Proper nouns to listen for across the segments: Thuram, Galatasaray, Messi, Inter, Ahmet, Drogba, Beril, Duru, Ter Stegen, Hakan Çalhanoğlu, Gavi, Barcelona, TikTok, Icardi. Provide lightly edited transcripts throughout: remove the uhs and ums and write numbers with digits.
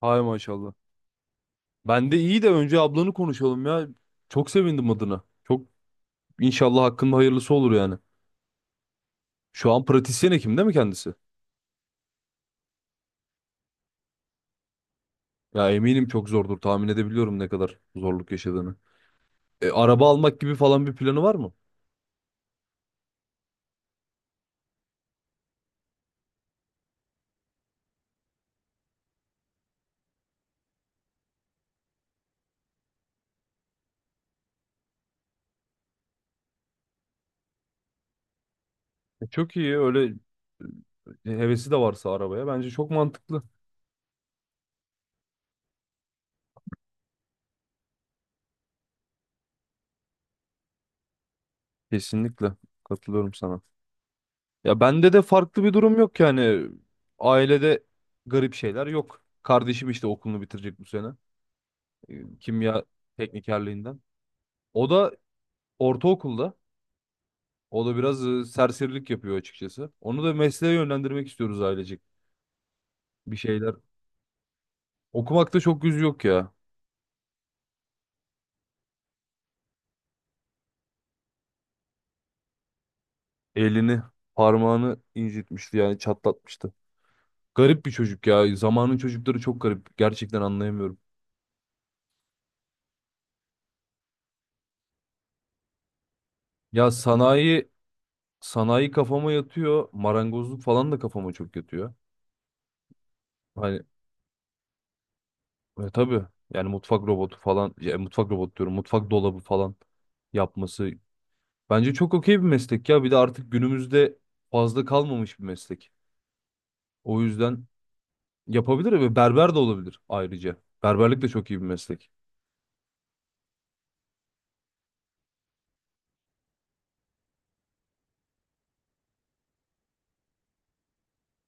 Hay maşallah. Ben de iyi de önce ablanı konuşalım ya. Çok sevindim adına. Çok inşallah hakkında hayırlısı olur yani. Şu an pratisyen hekim değil mi kendisi? Ya eminim çok zordur. Tahmin edebiliyorum ne kadar zorluk yaşadığını. Araba almak gibi falan bir planı var mı? Çok iyi. Öyle hevesi de varsa arabaya bence çok mantıklı. Kesinlikle katılıyorum sana. Ya bende de farklı bir durum yok yani. Ailede garip şeyler yok. Kardeşim işte okulunu bitirecek bu sene. E, Kimya teknikerliğinden. O da ortaokulda. O da biraz serserilik yapıyor açıkçası. Onu da mesleğe yönlendirmek istiyoruz ailecek. Bir şeyler. Okumakta çok yüzü yok ya. Elini, parmağını incitmişti yani çatlatmıştı. Garip bir çocuk ya. Zamanın çocukları çok garip. Gerçekten anlayamıyorum. Ya sanayi kafama yatıyor. Marangozluk falan da kafama çok yatıyor. Hani tabii yani mutfak robotu falan. Ya, mutfak robotu diyorum. Mutfak dolabı falan yapması. Bence çok okey bir meslek ya. Bir de artık günümüzde fazla kalmamış bir meslek. O yüzden yapabilir ve berber de olabilir ayrıca. Berberlik de çok iyi bir meslek.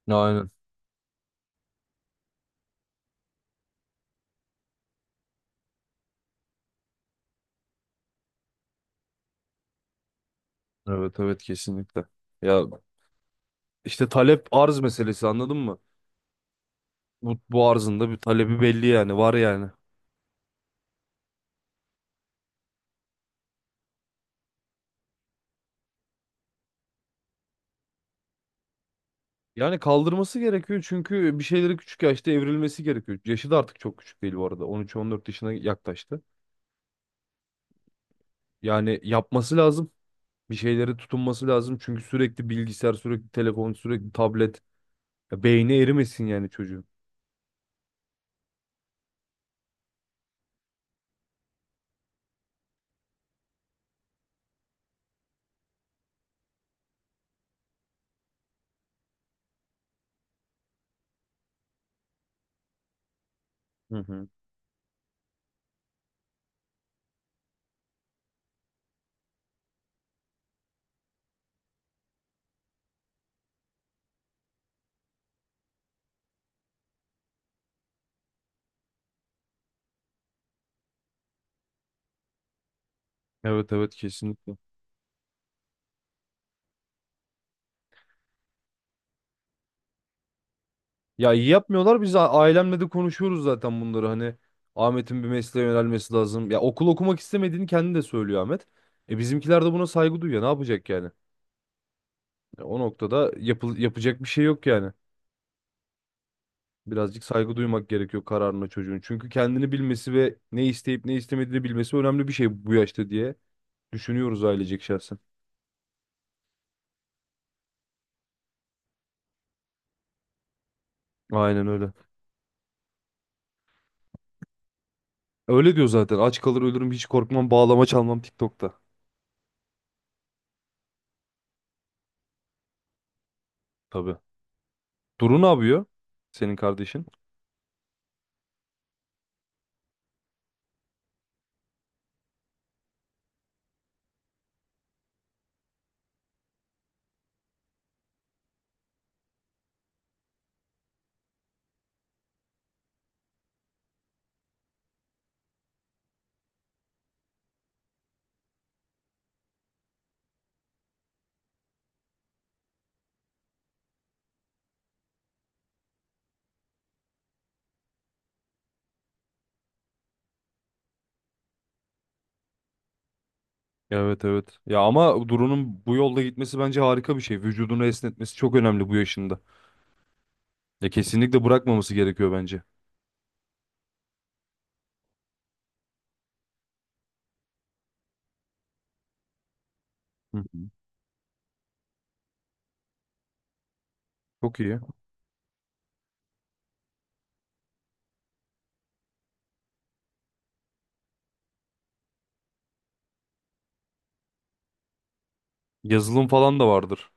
Aynen. Evet, evet, kesinlikle. Ya işte talep arz meselesi anladın mı? Bu arzın da bir talebi belli yani var yani. Yani kaldırması gerekiyor çünkü bir şeyleri küçük yaşta evrilmesi gerekiyor. Yaşı da artık çok küçük değil bu arada. 13-14 yaşına yaklaştı. Yani yapması lazım. Bir şeylere tutunması lazım. Çünkü sürekli bilgisayar, sürekli telefon, sürekli tablet. Ya beyni erimesin yani çocuğun. Hı hı. Evet, evet, kesinlikle. Ya iyi yapmıyorlar. Ailemle de konuşuyoruz zaten bunları. Hani Ahmet'in bir mesleğe yönelmesi lazım. Ya okul okumak istemediğini kendi de söylüyor Ahmet. E bizimkiler de buna saygı duyuyor. Ne yapacak yani? Ya o noktada yapacak bir şey yok yani. Birazcık saygı duymak gerekiyor kararına çocuğun. Çünkü kendini bilmesi ve ne isteyip ne istemediğini bilmesi önemli bir şey bu yaşta diye düşünüyoruz ailecek şahsen. Aynen öyle. Öyle diyor zaten. Aç kalır ölürüm, hiç korkmam, bağlama çalmam TikTok'ta. Tabii. Duru ne yapıyor? Senin kardeşin. Evet, evet. Ya ama Duru'nun bu yolda gitmesi bence harika bir şey. Vücudunu esnetmesi çok önemli bu yaşında. Ya kesinlikle bırakmaması gerekiyor bence. Hı hı. Çok iyi. Yazılım falan da vardır.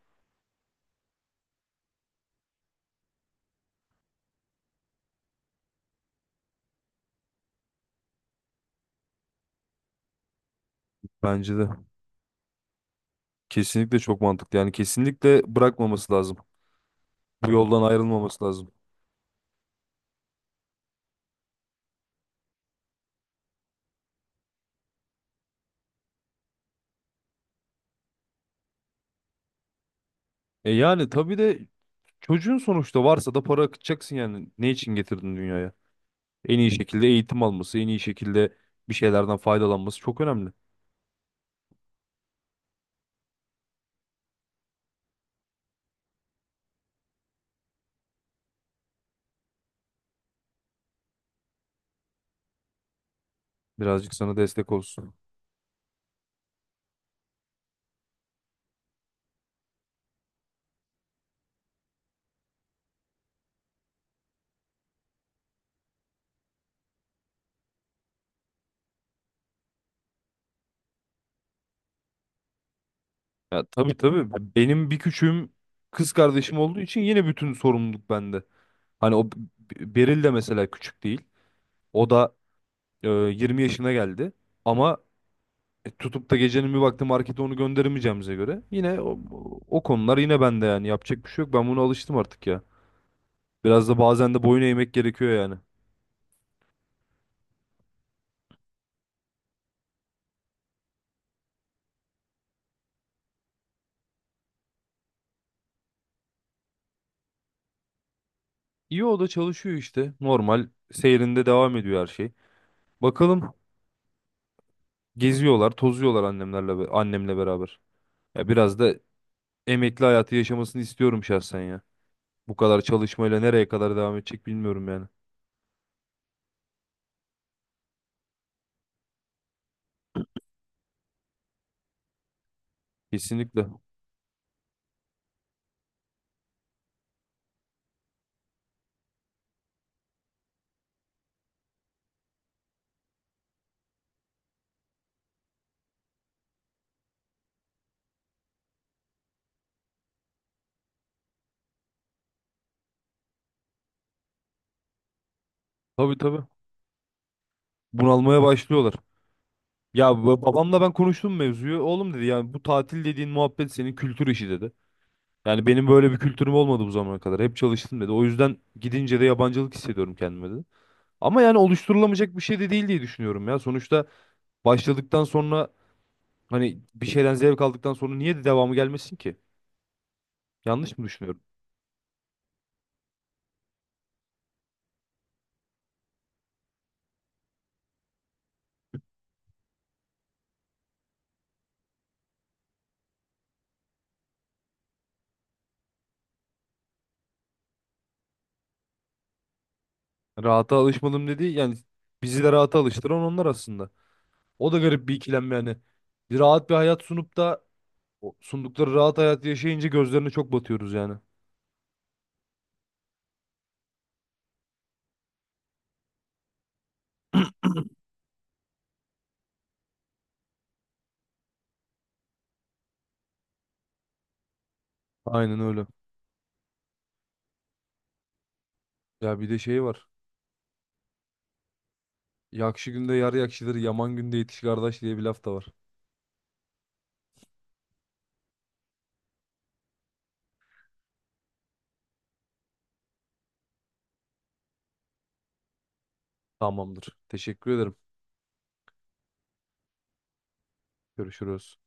Bence de. Kesinlikle çok mantıklı. Yani kesinlikle bırakmaması lazım. Bu yoldan ayrılmaması lazım. E yani tabii de çocuğun sonuçta varsa da para akıtacaksın yani. Ne için getirdin dünyaya? En iyi şekilde eğitim alması, en iyi şekilde bir şeylerden faydalanması çok önemli. Birazcık sana destek olsun. Ya tabii, tabii, benim bir küçüğüm kız kardeşim olduğu için yine bütün sorumluluk bende. Hani o Beril de mesela küçük değil. O da 20 yaşına geldi. Ama tutup da gecenin bir vakti markete onu gönderemeyeceğimize göre yine o, o konular yine bende yani yapacak bir şey yok. Ben buna alıştım artık ya. Biraz da bazen de boyun eğmek gerekiyor yani. İyi, o da çalışıyor işte. Normal seyrinde devam ediyor her şey. Bakalım geziyorlar, tozuyorlar annemle beraber. Ya biraz da emekli hayatı yaşamasını istiyorum şahsen ya. Bu kadar çalışmayla nereye kadar devam edecek bilmiyorum yani. Kesinlikle. Tabii, tabii. Bunalmaya başlıyorlar. Babamla ben konuştum mevzuyu. Oğlum dedi yani bu tatil dediğin muhabbet senin kültür işi dedi. Yani benim böyle bir kültürüm olmadı bu zamana kadar. Hep çalıştım dedi. O yüzden gidince de yabancılık hissediyorum kendime dedi. Ama yani oluşturulamayacak bir şey de değil diye düşünüyorum ya. Sonuçta başladıktan sonra hani bir şeyden zevk aldıktan sonra niye de devamı gelmesin ki? Yanlış mı düşünüyorum? Rahata alışmadım dedi. Yani bizi de rahata alıştıran onlar aslında. O da garip bir ikilem yani. Bir rahat bir hayat sunup da o sundukları rahat hayatı yaşayınca gözlerine çok batıyoruz yani. Aynen öyle. Ya bir de şey var. Yakşı günde yar yakşıdır, yaman günde yetiş kardeş diye bir laf da var. Tamamdır. Teşekkür ederim. Görüşürüz.